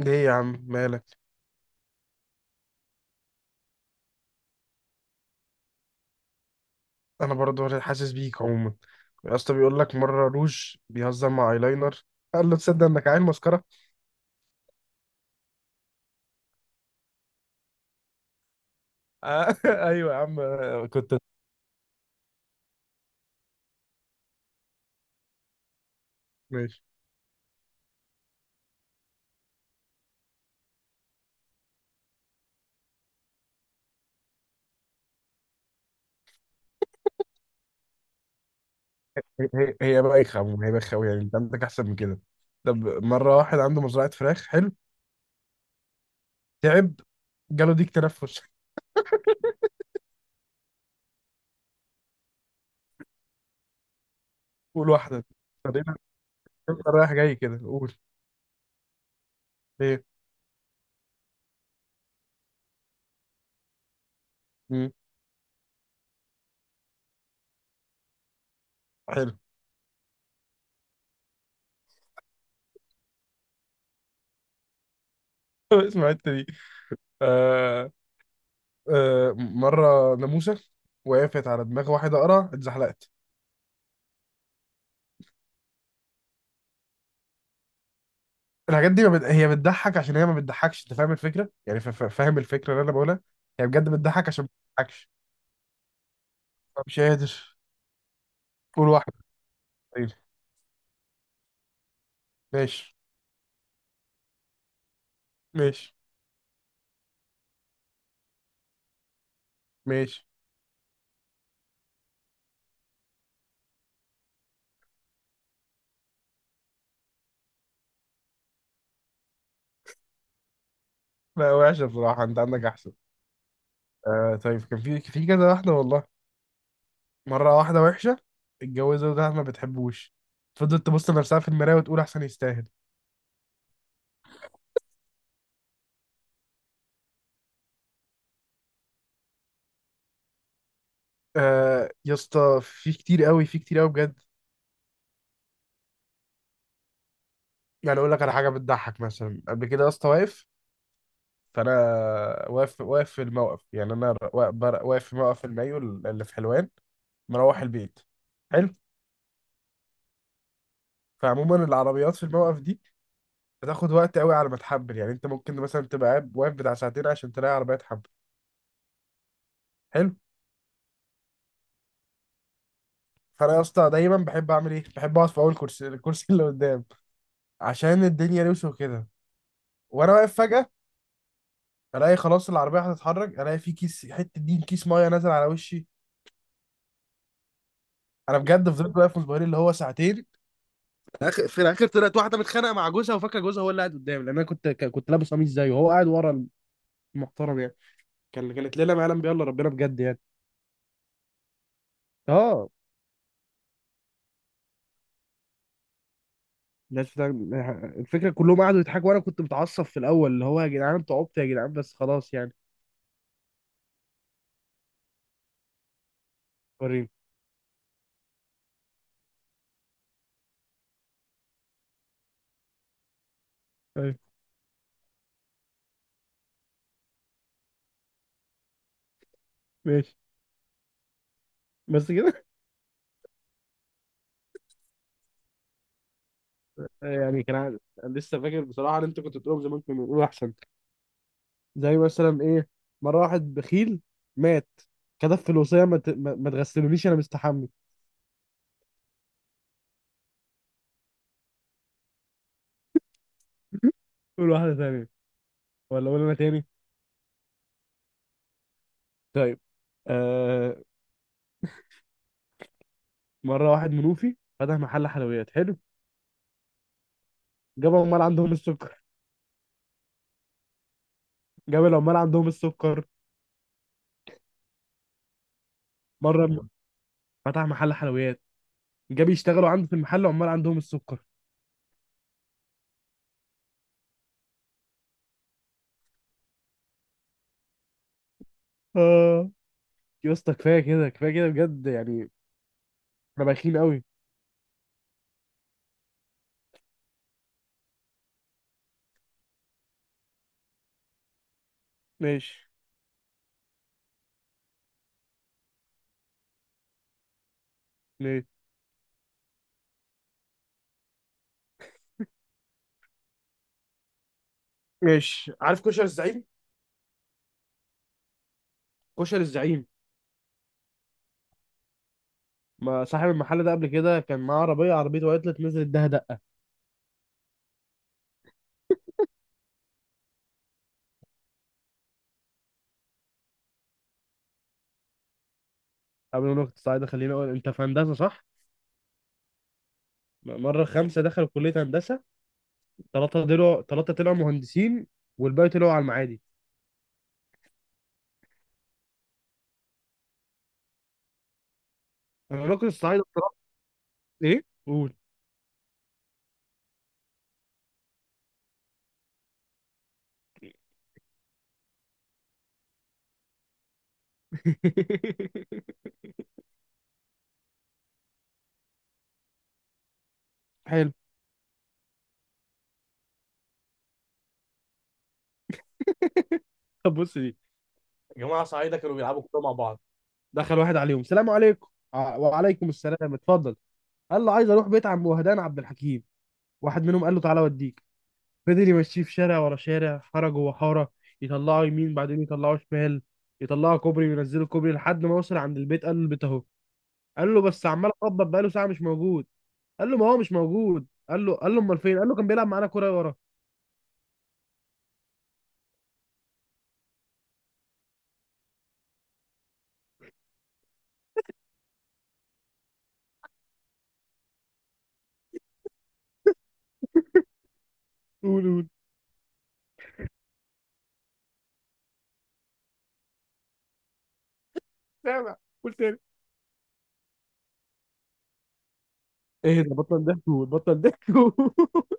ليه يا عم مالك؟ انا برضو حاسس بيك عموما. يا اسطى، بيقول لك مره روج بيهزر مع ايلاينر، قال له تصدق انك عيل مسكره؟ آه، ايوه يا عم، آه، كنت ماشي. هي بايخه عموما، هي بايخه قوي يعني. انت عندك احسن من كده؟ طب، مره واحد عنده مزرعه فراخ، حلو، تعب، جاله ديك تنفس. قول واحده. خلينا رايح جاي كده، قول ايه. مم. حلو. اسمع الحته دي. آه، آه، مره ناموسه وقفت على دماغ واحد اقرع، اتزحلقت. الحاجات دي ما بت... هي بتضحك عشان هي ما بتضحكش، انت فاهم الفكره يعني، فاهم الفكره اللي انا بقولها. هي بجد بتضحك عشان ما بتضحكش. مش قادر. قول واحد. طيب. ماشي. ماشي. ماشي. لا، وحشه بصراحه، انت عندك احسن. آه طيب، كان في كذا واحده والله. مره واحده وحشه اتجوزها وده ما بتحبوش، فضلت تبص لنفسها في المرايه وتقول احسن يستاهل. آه يا اسطى، في كتير قوي، في كتير قوي بجد. يعني اقول لك على حاجه بتضحك مثلا، قبل كده يا اسطى واقف، فانا واقف. واقف في الموقف، يعني انا واقف في موقف المايو اللي في حلوان، مروح البيت. حلو. فعموما العربيات في الموقف دي بتاخد وقت قوي على ما تحبل، يعني انت ممكن مثلا تبقى واقف بتاع ساعتين عشان تلاقي عربيه تحبل. حلو. فانا يا اسطى دايما بحب اعمل ايه، بحب اقعد في اول كرسي، الكرسي اللي قدام، عشان الدنيا لوسه كده. وانا واقف فجاه الاقي خلاص العربيه هتتحرك، الاقي في كيس، حته دين كيس ميه نازل على وشي. انا بجد فضلت واقف مصبرين اللي هو ساعتين. في الاخر طلعت واحده متخانقه مع جوزها وفاكره جوزها هو اللي قاعد قدامي، لان انا كنت لابس قميص زيه وهو قاعد ورا، المحترم يعني. كانت ليله ما يعلم بيها الا ربنا، بجد يعني. اه، الناس بتاع- الفكره كلهم قعدوا يضحكوا، وانا كنت متعصب في الاول، اللي هو يا جدعان انتوا عبط، يا جدعان بس خلاص يعني. وريني. طيب. ماشي. بس كده؟ يعني كان عادي. أنا لسه فاكر بصراحه ان انت كنت بتقولهم زمان، كنا بنقول احسن، زي مثلا ايه. مره واحد بخيل مات، كتب في الوصيه ما ت- ما- ما تغسلونيش انا مستحمي. قول واحده ثانيه، ولا قول انا تاني. طيب، آه. مره واحد منوفي فتح محل حلويات، حلو، جاب عمال عندهم السكر. جاب العمال عندهم السكر. مره م- فتح محل حلويات، جاب يشتغلوا عنده في المحل عمال عندهم السكر. اه، يا اسطى كفايه كده، كفايه كده بجد يعني، احنا بايخين قوي. ماشي. ماشي. ماشي، عارف كشري الزعيم. كشري الزعيم، ما صاحب المحل ده قبل كده كان معاه عربيه، عربيته وقعت نزلت اداها دقه. قبل ما نروح الصعيد، خليني اقول، انت في هندسه صح؟ مره 5 دخلوا كليه هندسه، 3 طلعوا، 3 طلعوا مهندسين، والباقي طلعوا على المعادي. الراجل الصعايدة بصراحة. ايه؟ قول. حلو. طب بص دي، جماعه صعيده كانوا بيلعبوا كوره مع بعض، دخل واحد عليهم، سلام عليكم، وعليكم السلام اتفضل، قال له عايز اروح بيت عم وهدان عبد الحكيم. واحد منهم قال له تعالى اوديك، فضل يمشيه في شارع ورا شارع، حاره جوه حاره، يطلعه يمين بعدين يطلعه شمال، يطلعه كوبري وينزله كوبري، لحد ما وصل عند البيت، قال له البيت اهو. قال له بس عمال اخبط بقاله ساعه مش موجود. قال له ما هو مش موجود. قال له امال فين؟ قال له كان بيلعب معانا كوره ورا. قول، قول. سامع؟ قول تاني. ايه ده، بطل ضحك، قول، بطل ضحك قول.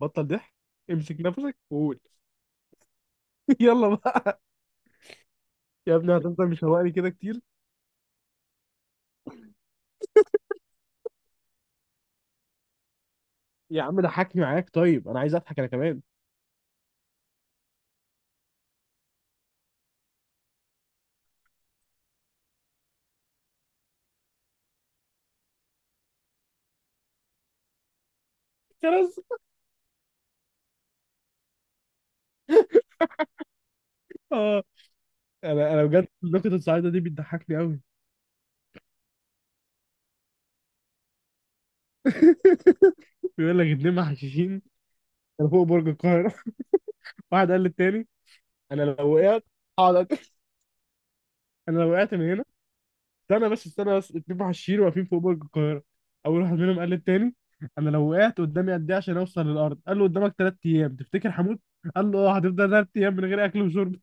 بطل ضحك، امسك نفسك وقول. يلا بقى، يا ابني هتفضل مشوقني كده كتير، يا عم ضحكني معاك، طيب انا عايز اضحك انا كمان. خلاص. اه، انا بجد نقطة السعيدة دي بتضحكني قوي. بيقول لك 2 محششين كانوا فوق برج القاهرة، واحد قال للتاني انا لو وقعت هقعد أك- انا لو وقعت من هنا. استنى بس، استنى بس، 2 محشيين واقفين فوق برج القاهرة، أول واحد منهم قال للتاني أنا لو وقعت قدامي قد إيه عشان أوصل للأرض؟ قال له قدامك 3 أيام. تفتكر هموت؟ قال له أه، هتفضل 3 أيام من غير أكل وشرب.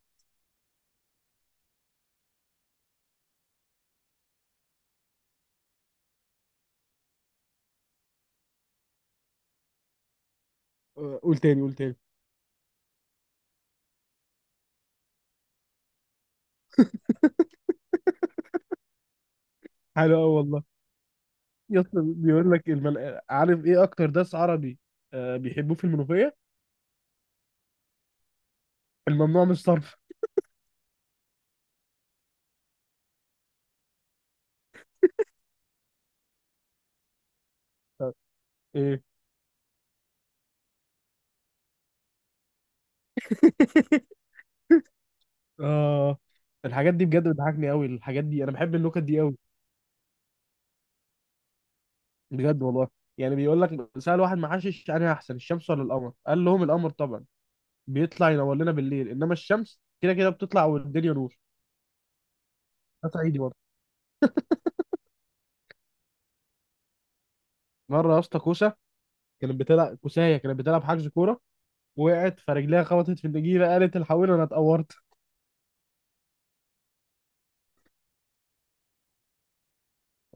آه، قول تاني، قول تاني. حلو أوي والله. يا اسطى بيقول لك عارف إيه أكتر داس عربي؟ آه، بيحبوه في المنوفية؟ الممنوع من الصرف. طب، إيه؟ آه، الحاجات دي بجد بتضحكني قوي، الحاجات دي انا بحب النكت دي قوي، بجد والله. يعني بيقول لك، سأل واحد محشش، انا احسن الشمس ولا القمر؟ قال لهم القمر طبعا، بيطلع ينور لنا بالليل، انما الشمس كده كده بتطلع والدنيا نور. ده صعيدي برضه. مره يا اسطى كوسه كانت بتلعب كوسايه، كانت بتلعب حجز كوره، وقعت فرجليها، خبطت في النجيله قالت الحقوني انا اتقورت.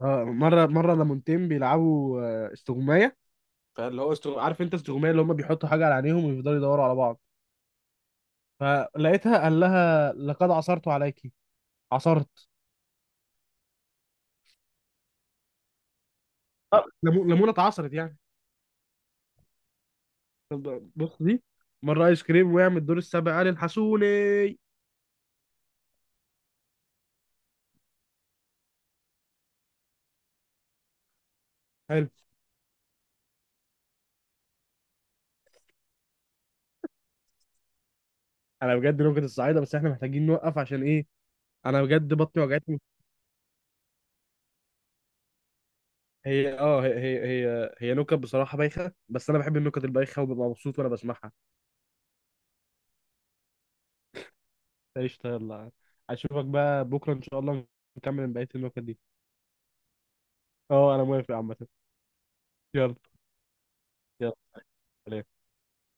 آه، مره لمونتين بيلعبوا آه، استغمايه، فاللي هو عارف انت استغمايه، اللي هم بيحطوا حاجه على عينيهم ويفضلوا يدوروا على بعض، فلقيتها قال لها لقد عصرت عليكي. عصرت. آه، ليمونه اتعصرت يعني. طب بص دي، مره ايس كريم وقع من الدور السابع، قال الحسوني. حلو. انا بجد لغة الصعايدة، بس احنا محتاجين نوقف عشان ايه، انا بجد بطني وجعتني. هي, هي نكت بصراحة بايخة، بس انا بحب النكت البايخة وببقى مبسوط وانا بسمعها. قشطة، يلا، اشوفك بقى بكرة ان شاء الله، نكمل بقية النكت دي. اه انا موافق عامة. يلا. يلا سلام.